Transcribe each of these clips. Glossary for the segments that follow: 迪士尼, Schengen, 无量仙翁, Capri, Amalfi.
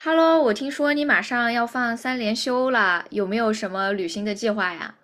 Hello，我听说你马上要放三连休了，有没有什么旅行的计划呀？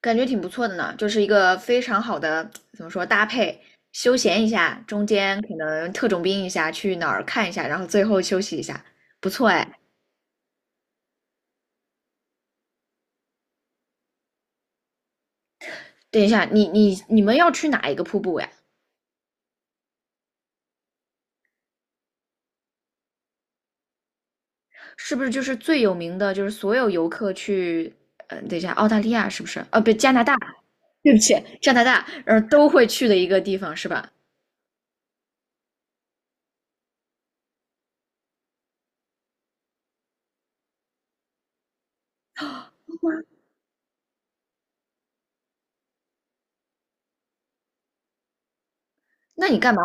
感觉挺不错的呢，就是一个非常好的，怎么说，搭配，休闲一下，中间可能特种兵一下，去哪儿看一下，然后最后休息一下，不错哎。等一下，你们要去哪一个瀑布呀？是不是就是最有名的，就是所有游客去，等一下，澳大利亚是不是？哦，不，加拿大，对不起，加拿大，然后都会去的一个地方是吧？那你干嘛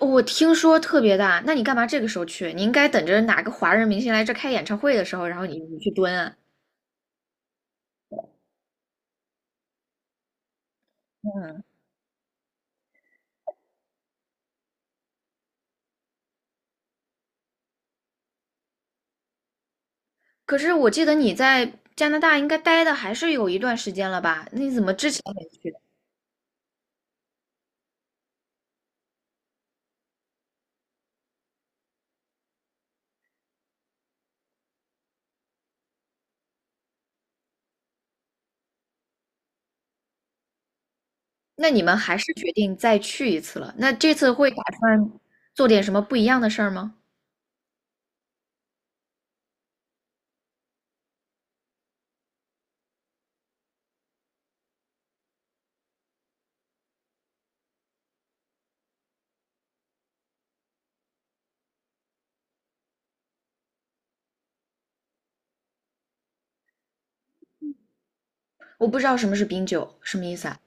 我听说特别大，那你干嘛这个时候去？你应该等着哪个华人明星来这开演唱会的时候，然后你去蹲啊。嗯，可是我记得你在加拿大应该待的还是有一段时间了吧？那你怎么之前，那你们还是决定再去一次了？那这次会打算做点什么不一样的事儿吗？我不知道什么是冰酒，什么意思啊？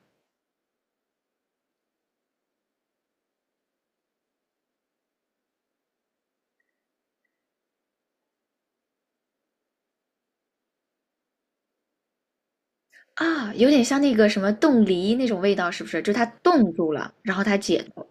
啊，有点像那个什么冻梨那种味道，是不是？就是它冻住了，然后它解冻。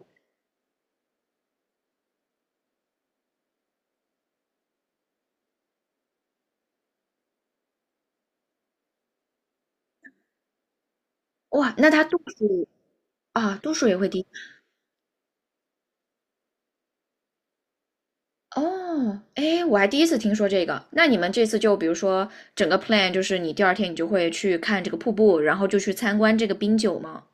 哇，那它度数啊，度数也会低哦，哎，我还第一次听说这个。那你们这次就比如说整个 plan 就是你第二天你就会去看这个瀑布，然后就去参观这个冰酒吗？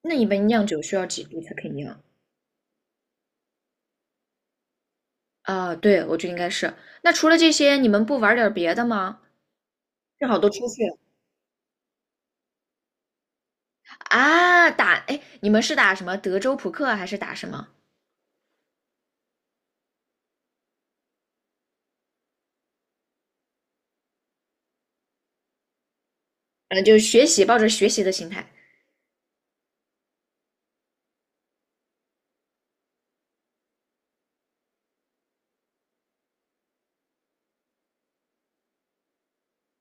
那你们酿酒需要几度才可以酿？啊，对，我觉得应该是。那除了这些，你们不玩点别的吗？正好都出去了啊，打，哎，你们是打什么德州扑克还是打什么？嗯，就是学习，抱着学习的心态。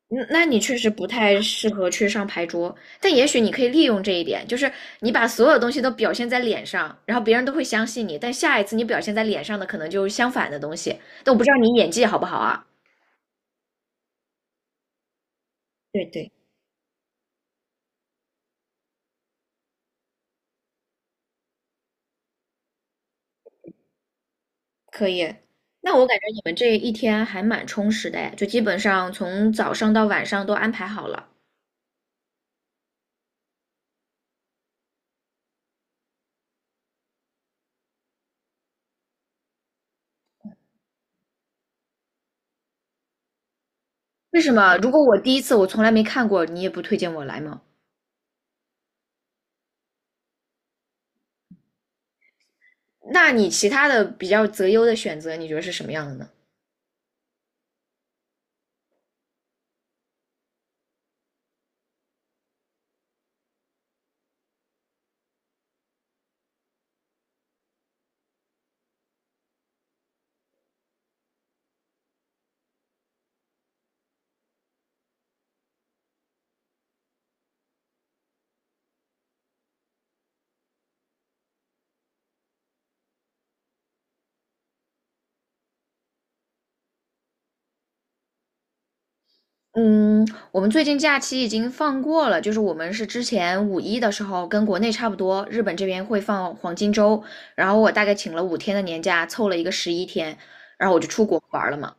嗯，那你确实不太适合去上牌桌，但也许你可以利用这一点，就是你把所有的东西都表现在脸上，然后别人都会相信你，但下一次你表现在脸上的可能就是相反的东西，但我不知道你演技好不好啊？对对，可以。那我感觉你们这一天还蛮充实的哎，就基本上从早上到晚上都安排好了。为什么？如果我第一次我从来没看过，你也不推荐我来吗？那你其他的比较择优的选择，你觉得是什么样的呢？嗯，我们最近假期已经放过了，就是我们是之前五一的时候跟国内差不多，日本这边会放黄金周，然后我大概请了5天的年假，凑了一个11天，然后我就出国玩了嘛。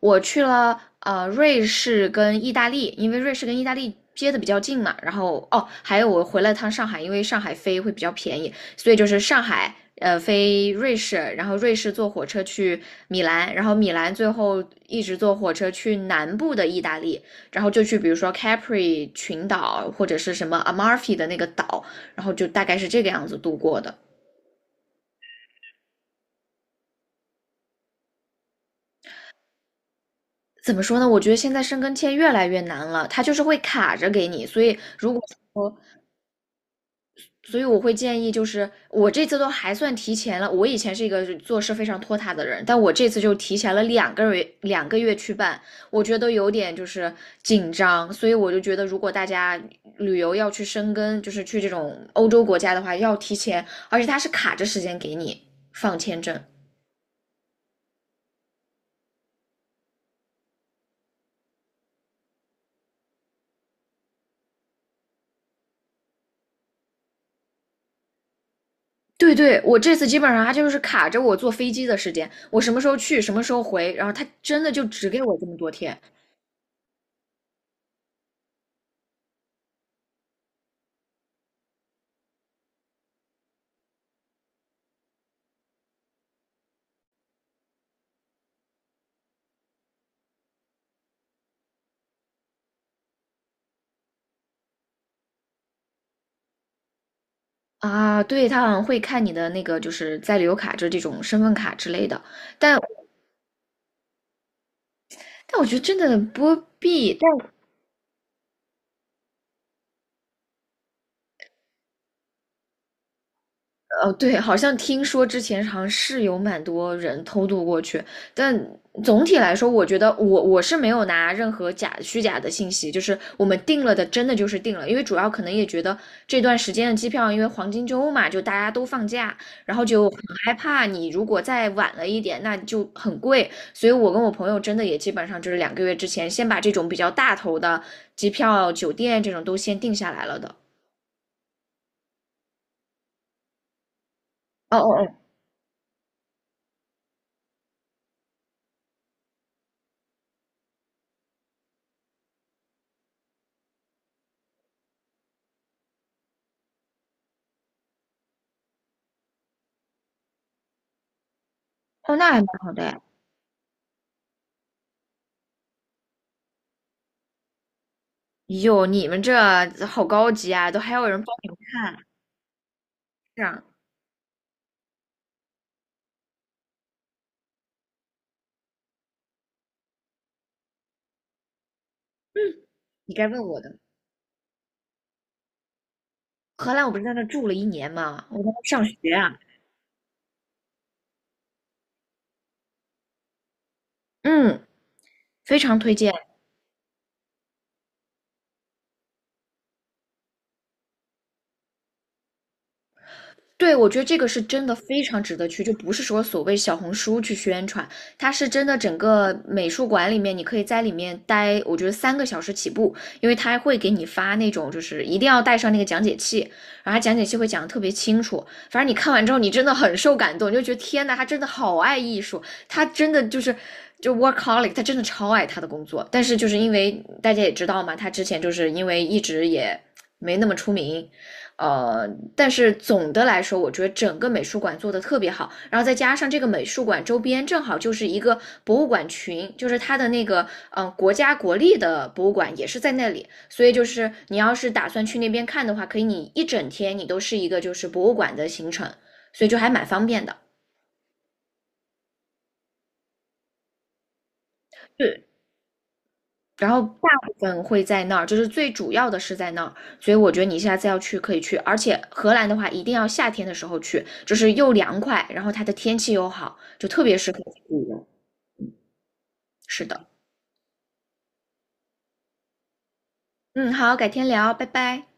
我去了瑞士跟意大利，因为瑞士跟意大利接的比较近嘛。然后哦，还有我回了趟上海，因为上海飞会比较便宜，所以就是上海飞瑞士，然后瑞士坐火车去米兰，然后米兰最后一直坐火车去南部的意大利，然后就去比如说 Capri 群岛或者是什么 Amalfi 的那个岛，然后就大概是这个样子度过的。怎么说呢？我觉得现在申根签越来越难了，它就是会卡着给你，所以如果说所以我会建议，就是我这次都还算提前了。我以前是一个做事非常拖沓的人，但我这次就提前了两个月，两个月去办，我觉得有点就是紧张。所以我就觉得，如果大家旅游要去深根，就是去这种欧洲国家的话，要提前，而且它是卡着时间给你放签证。对对，我这次基本上它就是卡着我坐飞机的时间，我什么时候去，什么时候回，然后它真的就只给我这么多天。啊，对，他好像会看你的那个，就是在留卡，就是这种身份卡之类的。但但我觉得真的不必，但哦，对，好像听说之前好像是有蛮多人偷渡过去，但总体来说，我觉得我是没有拿任何假虚假的信息，就是我们定了的，真的就是定了，因为主要可能也觉得这段时间的机票，因为黄金周嘛，就大家都放假，然后就很害怕你如果再晚了一点，那就很贵，所以我跟我朋友真的也基本上就是两个月之前先把这种比较大头的机票、酒店这种都先定下来了的。哦哦哦，哦，那还蛮好的哎哟，你们这好高级啊，都还有人帮你们看。是啊，你该问我的。荷兰，我不是在那住了一年嘛，我在那上学啊。嗯，非常推荐。对，我觉得这个是真的非常值得去，就不是说所谓小红书去宣传，它是真的整个美术馆里面，你可以在里面待，我觉得3个小时起步，因为它会给你发那种就是一定要带上那个讲解器，然后它讲解器会讲的特别清楚，反正你看完之后，你真的很受感动，你就觉得天呐，他真的好爱艺术，他真的就是就 workaholic，他真的超爱他的工作，但是就是因为大家也知道嘛，他之前就是因为一直也没那么出名，呃，但是总的来说，我觉得整个美术馆做的特别好，然后再加上这个美术馆周边正好就是一个博物馆群，就是他的那个国家国立的博物馆也是在那里，所以就是你要是打算去那边看的话，可以你一整天你都是一个就是博物馆的行程，所以就还蛮方便的。对，然后大部分会在那儿，就是最主要的是在那儿，所以我觉得你下次要去可以去，而且荷兰的话一定要夏天的时候去，就是又凉快，然后它的天气又好，就特别适合自己游。是的，嗯，好，改天聊，拜拜。